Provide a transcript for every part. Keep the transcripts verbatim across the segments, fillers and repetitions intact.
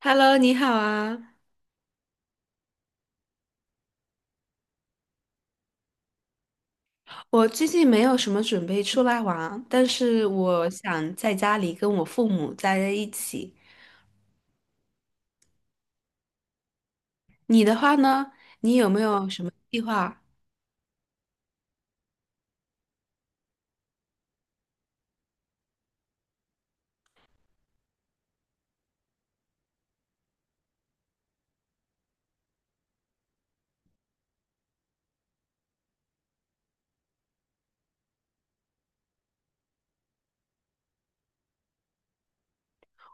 Hello，你好啊！我最近没有什么准备出来玩，但是我想在家里跟我父母待在一起。你的话呢？你有没有什么计划？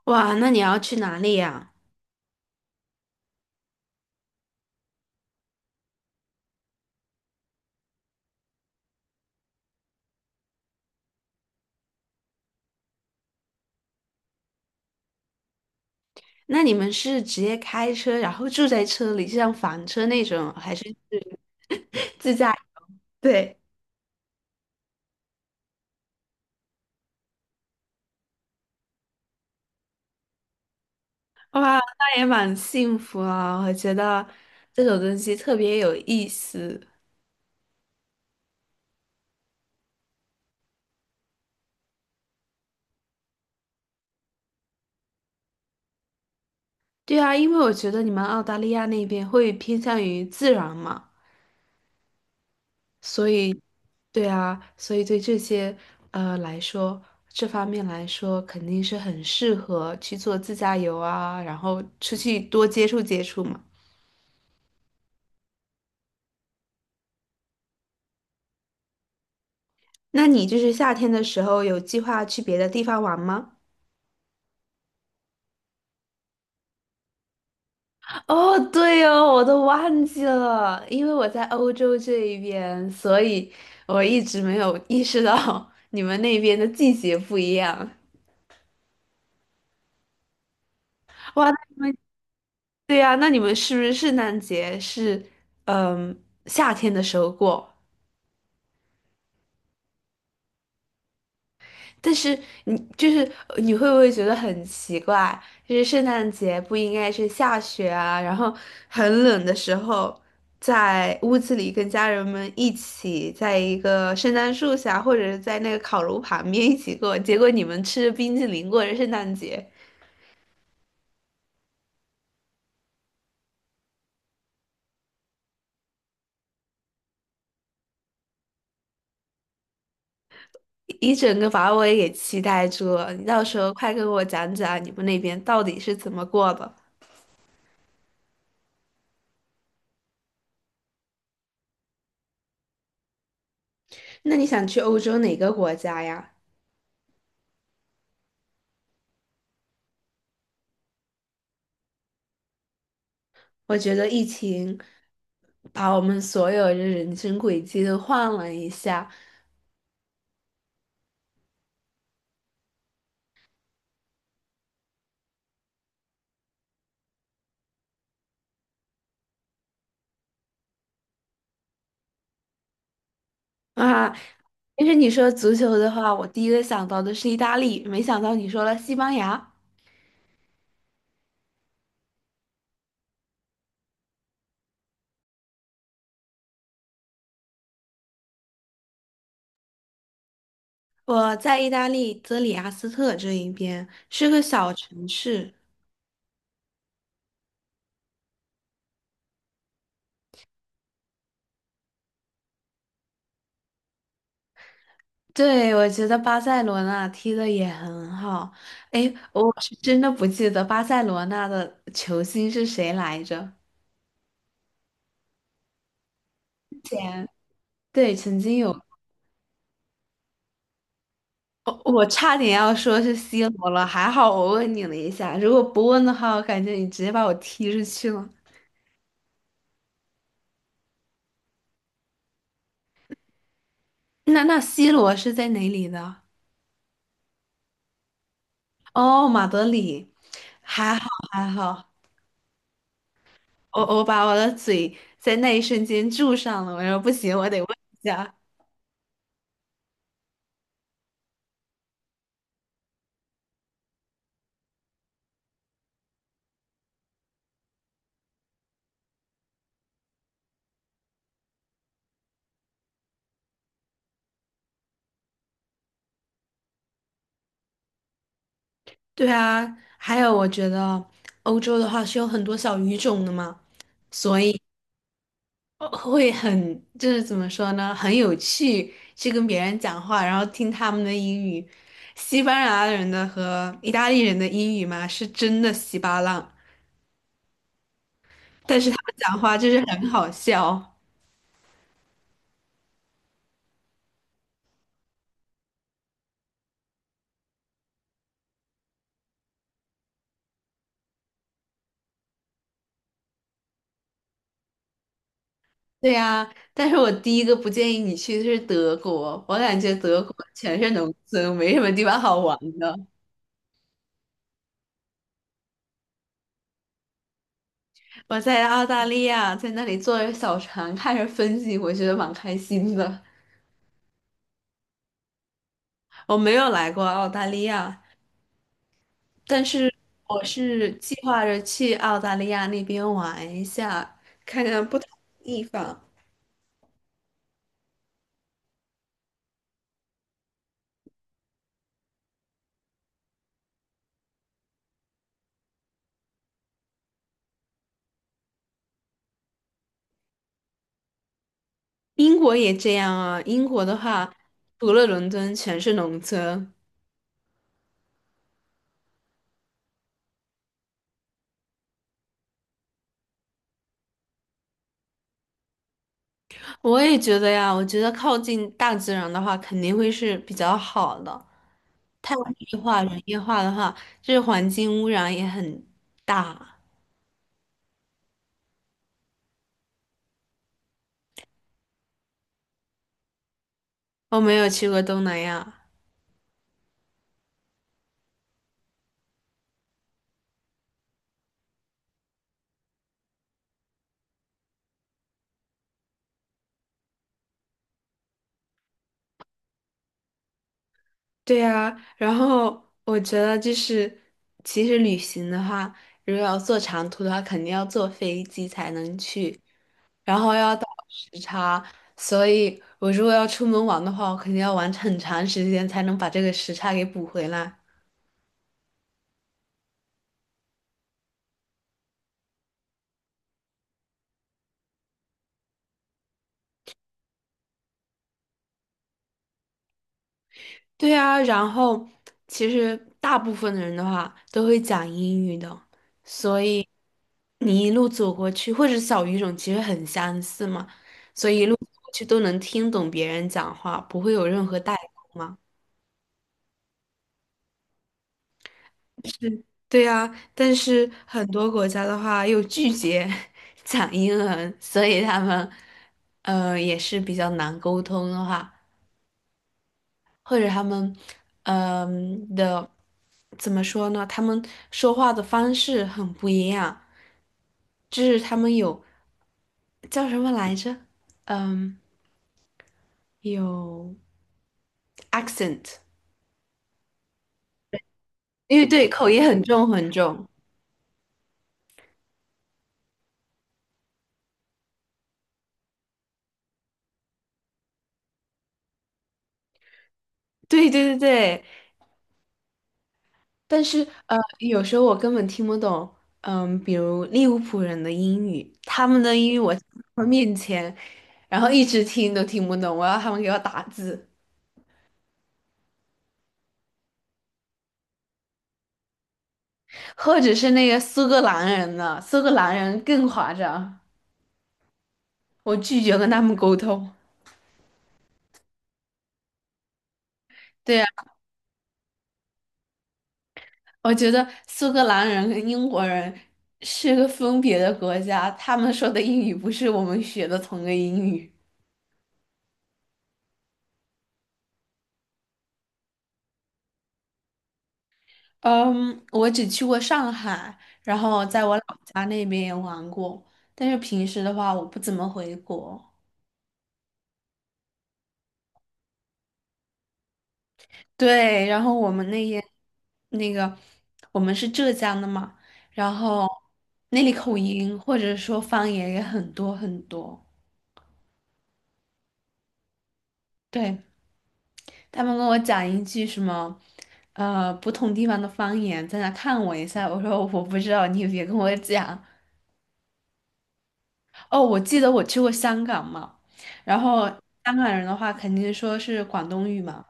哇，那你要去哪里呀？那你们是直接开车，然后住在车里，就像房车那种，还是是自驾？对，哇，那也蛮幸福啊！我觉得这种东西特别有意思。对啊，因为我觉得你们澳大利亚那边会偏向于自然嘛。所以，对啊，所以对这些呃来说，这方面来说，肯定是很适合去做自驾游啊，然后出去多接触接触嘛。那你就是夏天的时候有计划去别的地方玩吗？哦，对哦，我都忘记了，因为我在欧洲这一边，所以我一直没有意识到 你们那边的季节不一样。哇，对呀，那你们是不是圣诞节是嗯夏天的时候过？但是你就是呃你会不会觉得很奇怪？就是圣诞节不应该是下雪啊，然后很冷的时候，在屋子里跟家人们一起，在一个圣诞树下，或者是在那个烤炉旁边一起过，结果你们吃着冰淇淋过着圣诞节，一整个把我也给期待住了。你到时候快跟我讲讲你们那边到底是怎么过的？那你想去欧洲哪个国家呀？我觉得疫情把我们所有的人生轨迹都换了一下啊。其实你说足球的话，我第一个想到的是意大利，没想到你说了西班牙。我在意大利泽里阿斯特这一边是个小城市，对，我觉得巴塞罗那踢的也很好。哎，我是真的不记得巴塞罗那的球星是谁来着？前对，曾经有。我我差点要说是 C 罗了，还好我问你了一下，如果不问的话，我感觉你直接把我踢出去了。那那 C 罗是在哪里的？哦，马德里，还好还好，我我把我的嘴在那一瞬间住上了，我说不行，我得问一下。对啊，还有我觉得欧洲的话是有很多小语种的嘛。所以。哦会很，就是怎么说呢，很有趣，去跟别人讲话，然后听他们的英语，西班牙人的和意大利人的英语嘛，是真的稀巴烂，但是他们讲话就是很好笑。对呀，但是我第一个不建议你去的是德国，我感觉德国全是农村，没什么地方好玩的。我在澳大利亚，在那里坐着小船看着风景，我觉得蛮开心的。我没有来过澳大利亚。但是我是计划着去澳大利亚那边玩一下，看看不同的地方。英国也这样啊，英国的话，除了伦敦全是农村。我也觉得呀，我觉得靠近大自然的话，肯定会是比较好的。太工业化、人业化的话，这环境污染也很大。我没有去过东南亚。对呀，然后我觉得就是，其实旅行的话，如果要坐长途的话，肯定要坐飞机才能去，然后要倒时差，所以我如果要出门玩的话，我肯定要玩很长时间才能把这个时差给补回来。对啊，然后其实大部分的人的话都会讲英语的，所以你一路走过去，或者小语种其实很相似嘛，所以一路走过去都能听懂别人讲话，不会有任何代沟嘛。对啊，但是很多国家的话又拒绝 讲英文，所以他们呃也是比较难沟通的话。或者他们，嗯、的怎么说呢？他们说话的方式很不一样，就是他们有叫什么来着？嗯，有 accent，因为对口音很重很重。对对对对，但是呃，有时候我根本听不懂。嗯，比如利物浦人的英语，他们的英语我在他们面前，然后一直听都听不懂，我要他们给我打字。或者是那个苏格兰人呢？苏格兰人更夸张，我拒绝跟他们沟通。对呀，我觉得苏格兰人跟英国人是个分别的国家，他们说的英语不是我们学的同个英语。嗯，我只去过上海，然后在我老家那边也玩过，但是平时的话我不怎么回国。对，然后我们那些那个，我们是浙江的嘛，然后那里口音或者说方言也很多很多。对，他们跟我讲一句什么，呃，不同地方的方言，在那看我一下。我说我不知道，你别跟我讲。哦，我记得我去过香港嘛，然后香港人的话肯定说是广东语嘛，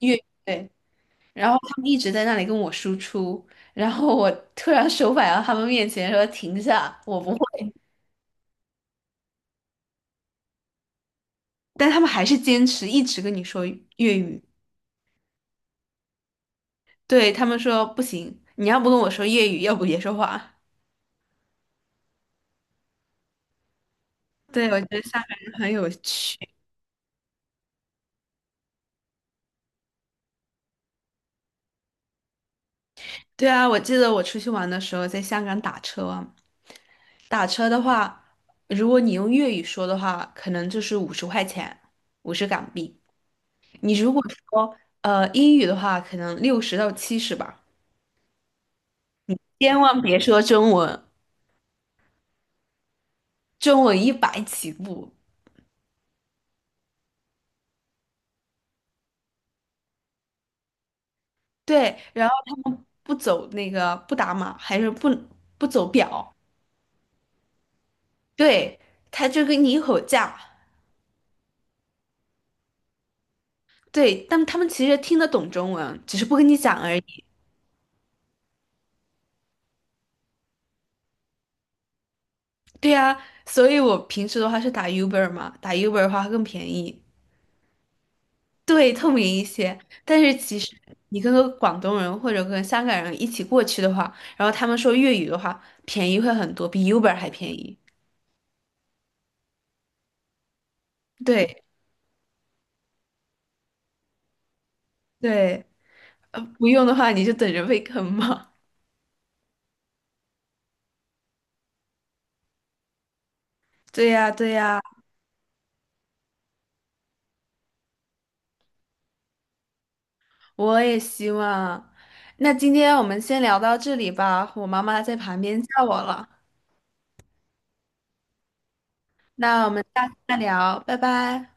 粤语。对然后他们一直在那里跟我输出，然后我突然手摆到他们面前说停下，我不会，但他们还是坚持一直跟你说粤语，对，他们说不行，你要不跟我说粤语，要不别说话。对，我觉得香港人很有趣。对啊，我记得我出去玩的时候在香港打车啊，打车的话，如果你用粤语说的话，可能就是五十块钱，五十港币。你如果说呃英语的话，可能六十到七十吧。千万别说中文，中文一百起步。对，然后他们不走那个不打码，还是不不走表，对，他就跟你吼价。对，但他们其实听得懂中文，只是不跟你讲而已。对啊，所以我平时的话是打 Uber 嘛，打 Uber 的话更便宜，对，透明一些。但是其实你跟个广东人或者跟香港人一起过去的话，然后他们说粤语的话，便宜会很多，比 Uber 还便宜。对对。呃，不用的话，你就等着被坑吧。对呀，对呀，我也希望。那今天我们先聊到这里吧，我妈妈在旁边叫我了。那我们下次再聊，拜拜。